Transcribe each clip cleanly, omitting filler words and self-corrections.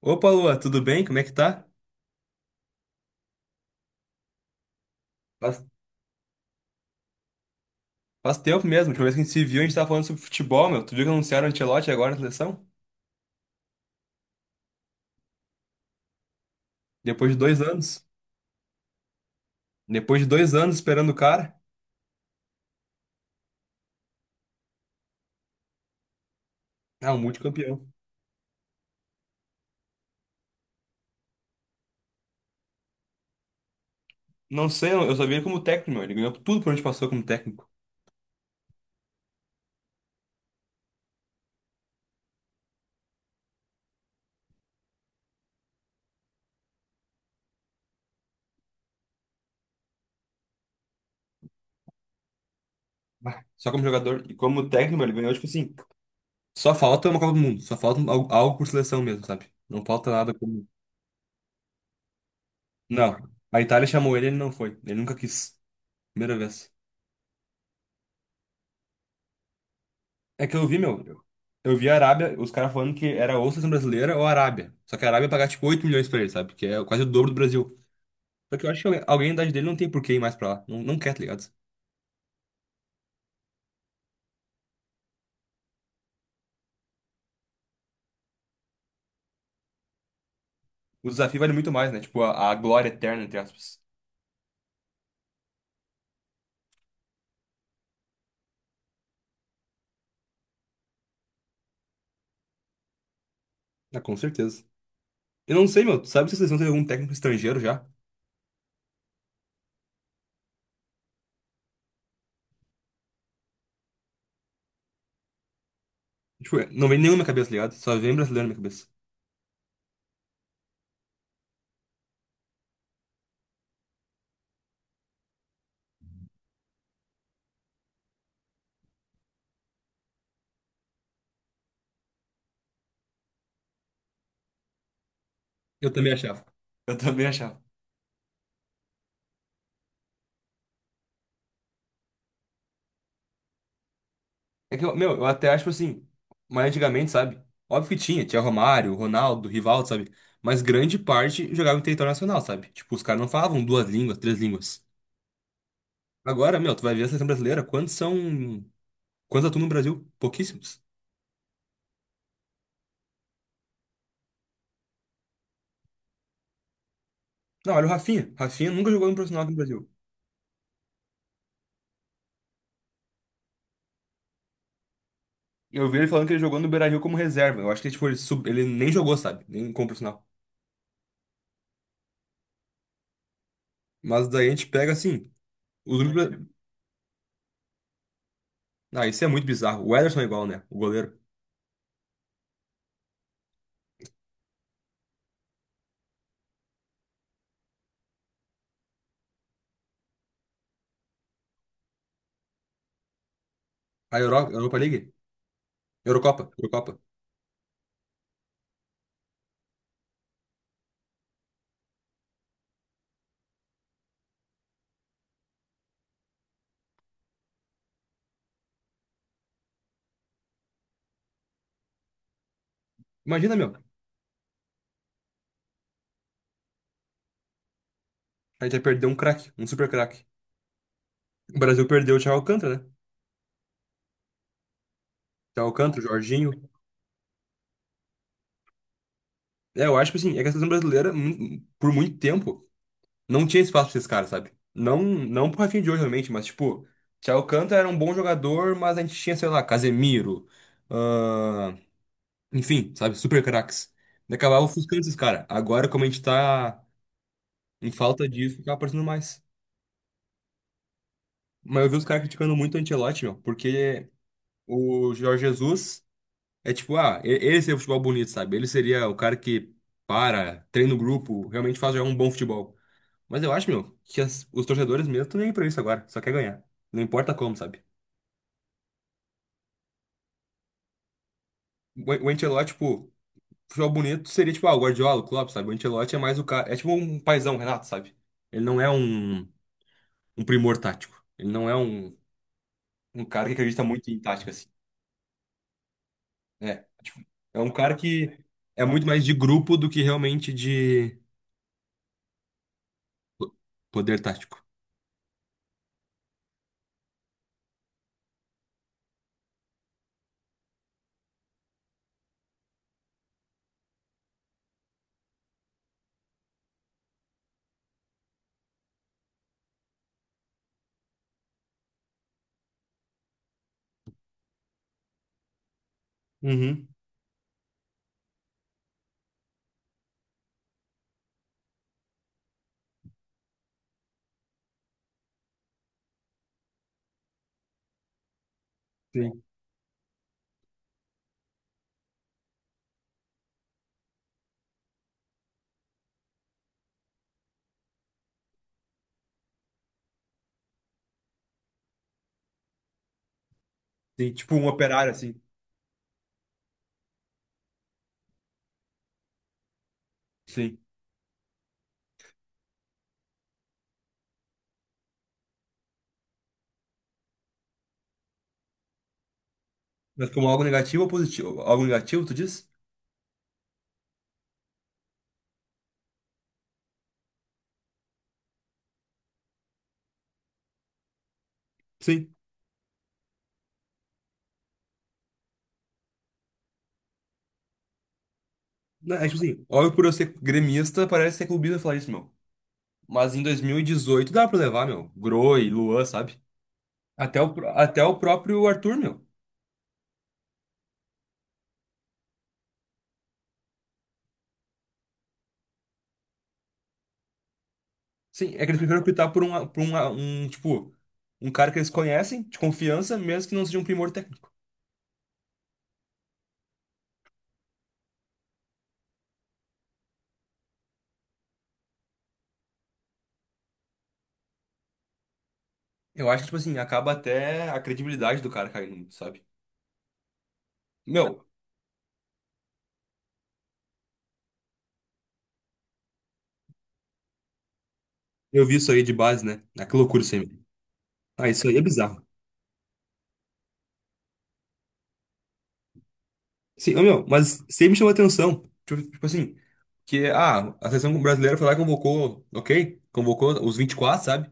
Opa, Lua, tudo bem? Como é que tá? Faz, faz tempo mesmo. A última vez que a gente se viu, a gente tava falando sobre futebol, meu. Tu viu que anunciaram o Ancelotti agora na seleção? Depois de 2 anos. Depois de 2 anos esperando o cara. Ah, um multicampeão. Não sei, eu só vi ele como técnico, meu. Ele ganhou tudo por onde passou como técnico. Bah. Só como jogador. E como técnico, meu, ele ganhou, tipo assim. Só falta uma Copa do Mundo. Só falta algo por seleção mesmo, sabe? Não falta nada como. Não. A Itália chamou ele, ele não foi. Ele nunca quis. Primeira vez. É que eu vi, meu. Eu vi a Arábia, os caras falando que era ou seleção brasileira ou a Arábia. Só que a Arábia ia pagar tipo 8 milhões pra ele, sabe? Que é quase o dobro do Brasil. Só que eu acho que alguém da idade dele não tem por que ir mais pra lá. Não, não quer, tá ligado? O desafio vale muito mais, né? Tipo, a glória eterna, entre aspas. Ah, com certeza. Eu não sei, meu. Tu sabe se a seleção tem algum técnico estrangeiro já? Tipo, não vem nenhum na minha cabeça, tá ligado? Só vem brasileiro na minha cabeça. Eu também achava. Eu também achava. É que, meu, eu até acho assim, mas antigamente, sabe? Óbvio que tinha Romário, Ronaldo, Rivaldo, sabe? Mas grande parte jogava em território nacional, sabe? Tipo, os caras não falavam duas línguas, três línguas. Agora, meu, tu vai ver a seleção brasileira, quantos são. Quantos atuam no Brasil? Pouquíssimos. Não, olha o Rafinha. Rafinha nunca jogou no profissional aqui no Brasil. Eu vi ele falando que ele jogou no Beira-Rio como reserva. Eu acho que, tipo, ele nem jogou, sabe? Nem como profissional. Mas daí a gente pega, assim, o grupo... bra- Ah, isso é muito bizarro. O Ederson é igual, né? O goleiro. A Europa League? Eurocopa. Eurocopa. Imagina, meu, a gente vai perder um craque, um super craque. O Brasil perdeu o Thiago Alcântara, né? Thiago Alcântara, o Jorginho. É, eu acho que assim, é que a seleção brasileira, por muito tempo, não tinha espaço pra esses caras, sabe? Não, não pro Rafinha de hoje, realmente, mas tipo, Thiago Alcântara era um bom jogador, mas a gente tinha, sei lá, Casemiro, ahn, enfim, sabe? Super craques. E acabava ofuscando esses caras. Agora, como a gente tá em falta disso, acaba aparecendo mais. Mas eu vi os caras criticando muito o Ancelotti, meu, porque o Jorge Jesus. É tipo, ah, ele seria o futebol bonito, sabe? Ele seria o cara que para, treina o grupo, realmente faz jogar um bom futebol. Mas eu acho, meu, que os torcedores mesmo estão nem aí pra isso agora, só quer ganhar. Não importa como, sabe? O Ancelotti, tipo, futebol bonito seria tipo, ah, o Guardiola, o Klopp, sabe? O Ancelotti é mais o cara, é tipo um paizão, o Renato, sabe? Ele não é um primor tático. Ele não é um cara que acredita muito em tática, assim. É, tipo, é um cara que é muito mais de grupo do que realmente de po- poder tático. Uhum. Sim. Sim, tipo um operário, assim. Sim. Mas como algo negativo ou positivo? Algo negativo, tu diz? Sim. Não, é tipo assim, óbvio por eu ser gremista, parece ser clubista falar isso, meu. Mas em 2018 dá pra levar, meu. Groi, Luan, sabe? Até o próprio Arthur, meu. Sim, é que eles preferem optar por um cara que eles conhecem, de confiança, mesmo que não seja um primor técnico. Eu acho que, tipo assim, acaba até a credibilidade do cara caindo, sabe? Meu, eu vi isso aí de base, né? Ah, que loucura isso aí, meu. Ah, isso aí é bizarro. Sim, ô, meu, mas sempre me chamou atenção. Tipo assim, que a seleção brasileira foi lá e convocou, ok? Convocou os 24, sabe?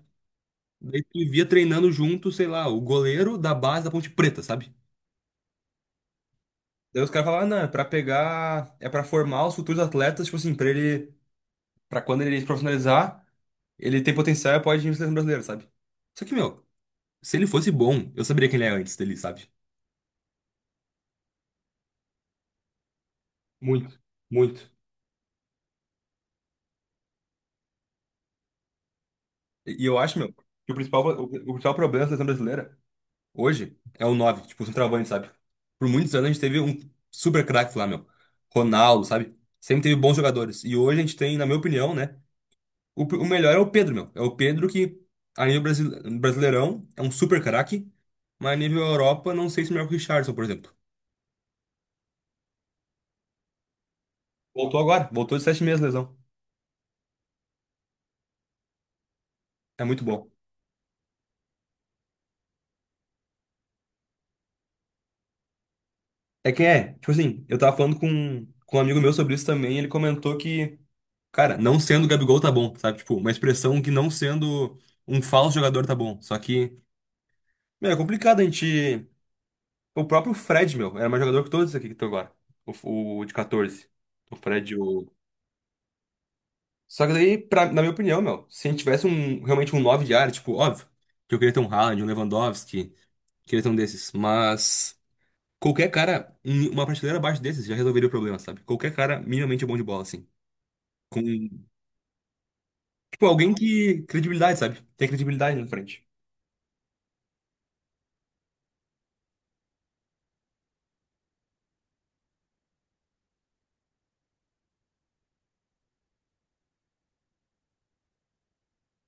Daí tu via treinando junto, sei lá, o goleiro da base da Ponte Preta, sabe? Daí os caras falavam, ah, não, é pra pegar, é pra formar os futuros atletas, tipo assim, pra quando ele se profissionalizar, ele tem potencial e pode ir na seleção brasileira, sabe? Só que, meu, se ele fosse bom, eu saberia quem ele é antes dele, sabe? Muito, muito. E eu acho, meu, que o principal problema da seleção brasileira hoje é o 9 tipo, o centroavante, sabe? Por muitos anos a gente teve um super craque lá, meu. Ronaldo, sabe? Sempre teve bons jogadores. E hoje a gente tem, na minha opinião, né? O melhor é o Pedro, meu. É o Pedro que, a nível brasileirão, é um super craque. Mas a nível Europa, não sei se é melhor que o Richarlison, por exemplo. Voltou agora, voltou de 7 meses de lesão. É muito bom. É quem é? Tipo assim, eu tava falando com um amigo meu sobre isso também. Ele comentou que, cara, não sendo o Gabigol tá bom, sabe? Tipo, uma expressão que não sendo um falso jogador tá bom. Só que, meu, é complicado a gente. O próprio Fred, meu, era mais jogador que todos aqui que estão agora. O de 14. O Fred, o. Só que daí, na minha opinião, meu, se a gente tivesse realmente um 9 de área, tipo, óbvio, que eu queria ter um Haaland, um Lewandowski, queria ter um desses, mas qualquer cara, em uma prateleira abaixo desses já resolveria o problema, sabe? Qualquer cara minimamente bom de bola, assim. Com, tipo, alguém que. Credibilidade, sabe? Tem credibilidade na frente.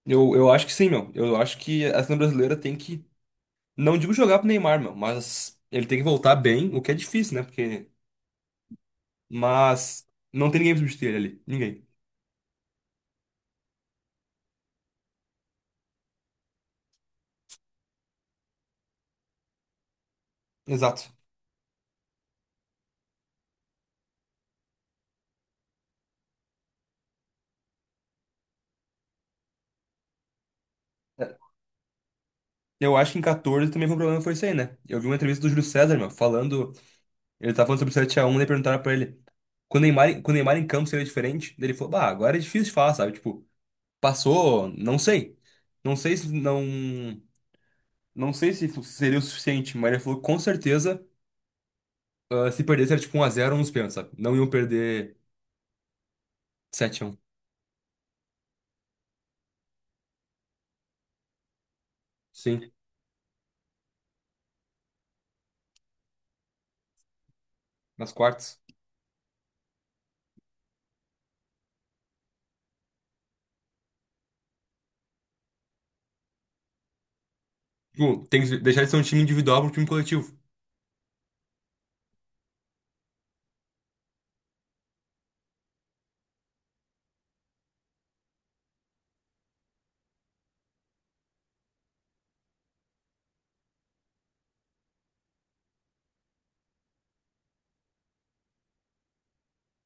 Eu acho que sim, meu. Eu acho que a seleção brasileira tem que, não digo jogar pro Neymar, meu, mas ele tem que voltar bem, o que é difícil, né? Porque. Mas não tem ninguém pra substituir ele ali. Ninguém. Exato. É, eu acho que em 14 também foi um problema, foi isso aí, né? Eu vi uma entrevista do Júlio César, meu, falando. Ele tava falando sobre o 7x1, daí perguntaram pra ele. Quando o Neymar em campo seria diferente, daí ele falou, bah, agora é difícil de falar, sabe? Tipo, passou, não sei. Não sei se não. Não sei se seria o suficiente, mas ele falou, com certeza, ah, se perdesse era tipo 1 a 0 ou uns pênaltis, sabe? Não iam perder 7 a 1. Sim. Nas quartas. Tipo, tem que deixar de ser um time individual para um time coletivo.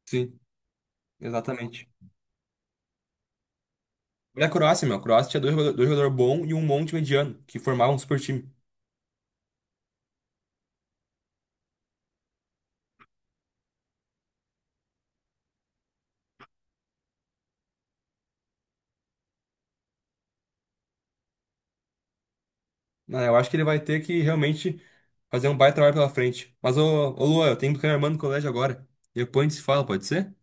Sim, exatamente. Olha a Croácia, meu. A Croácia tinha dois jogadores bons e um monte mediano, que formavam um super time. Ah, eu acho que ele vai ter que realmente fazer um baita trabalho pela frente. Mas, ô Luan, eu tenho que buscar minha irmã no colégio agora. Depois a gente se fala, pode ser?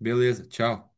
Beleza, tchau.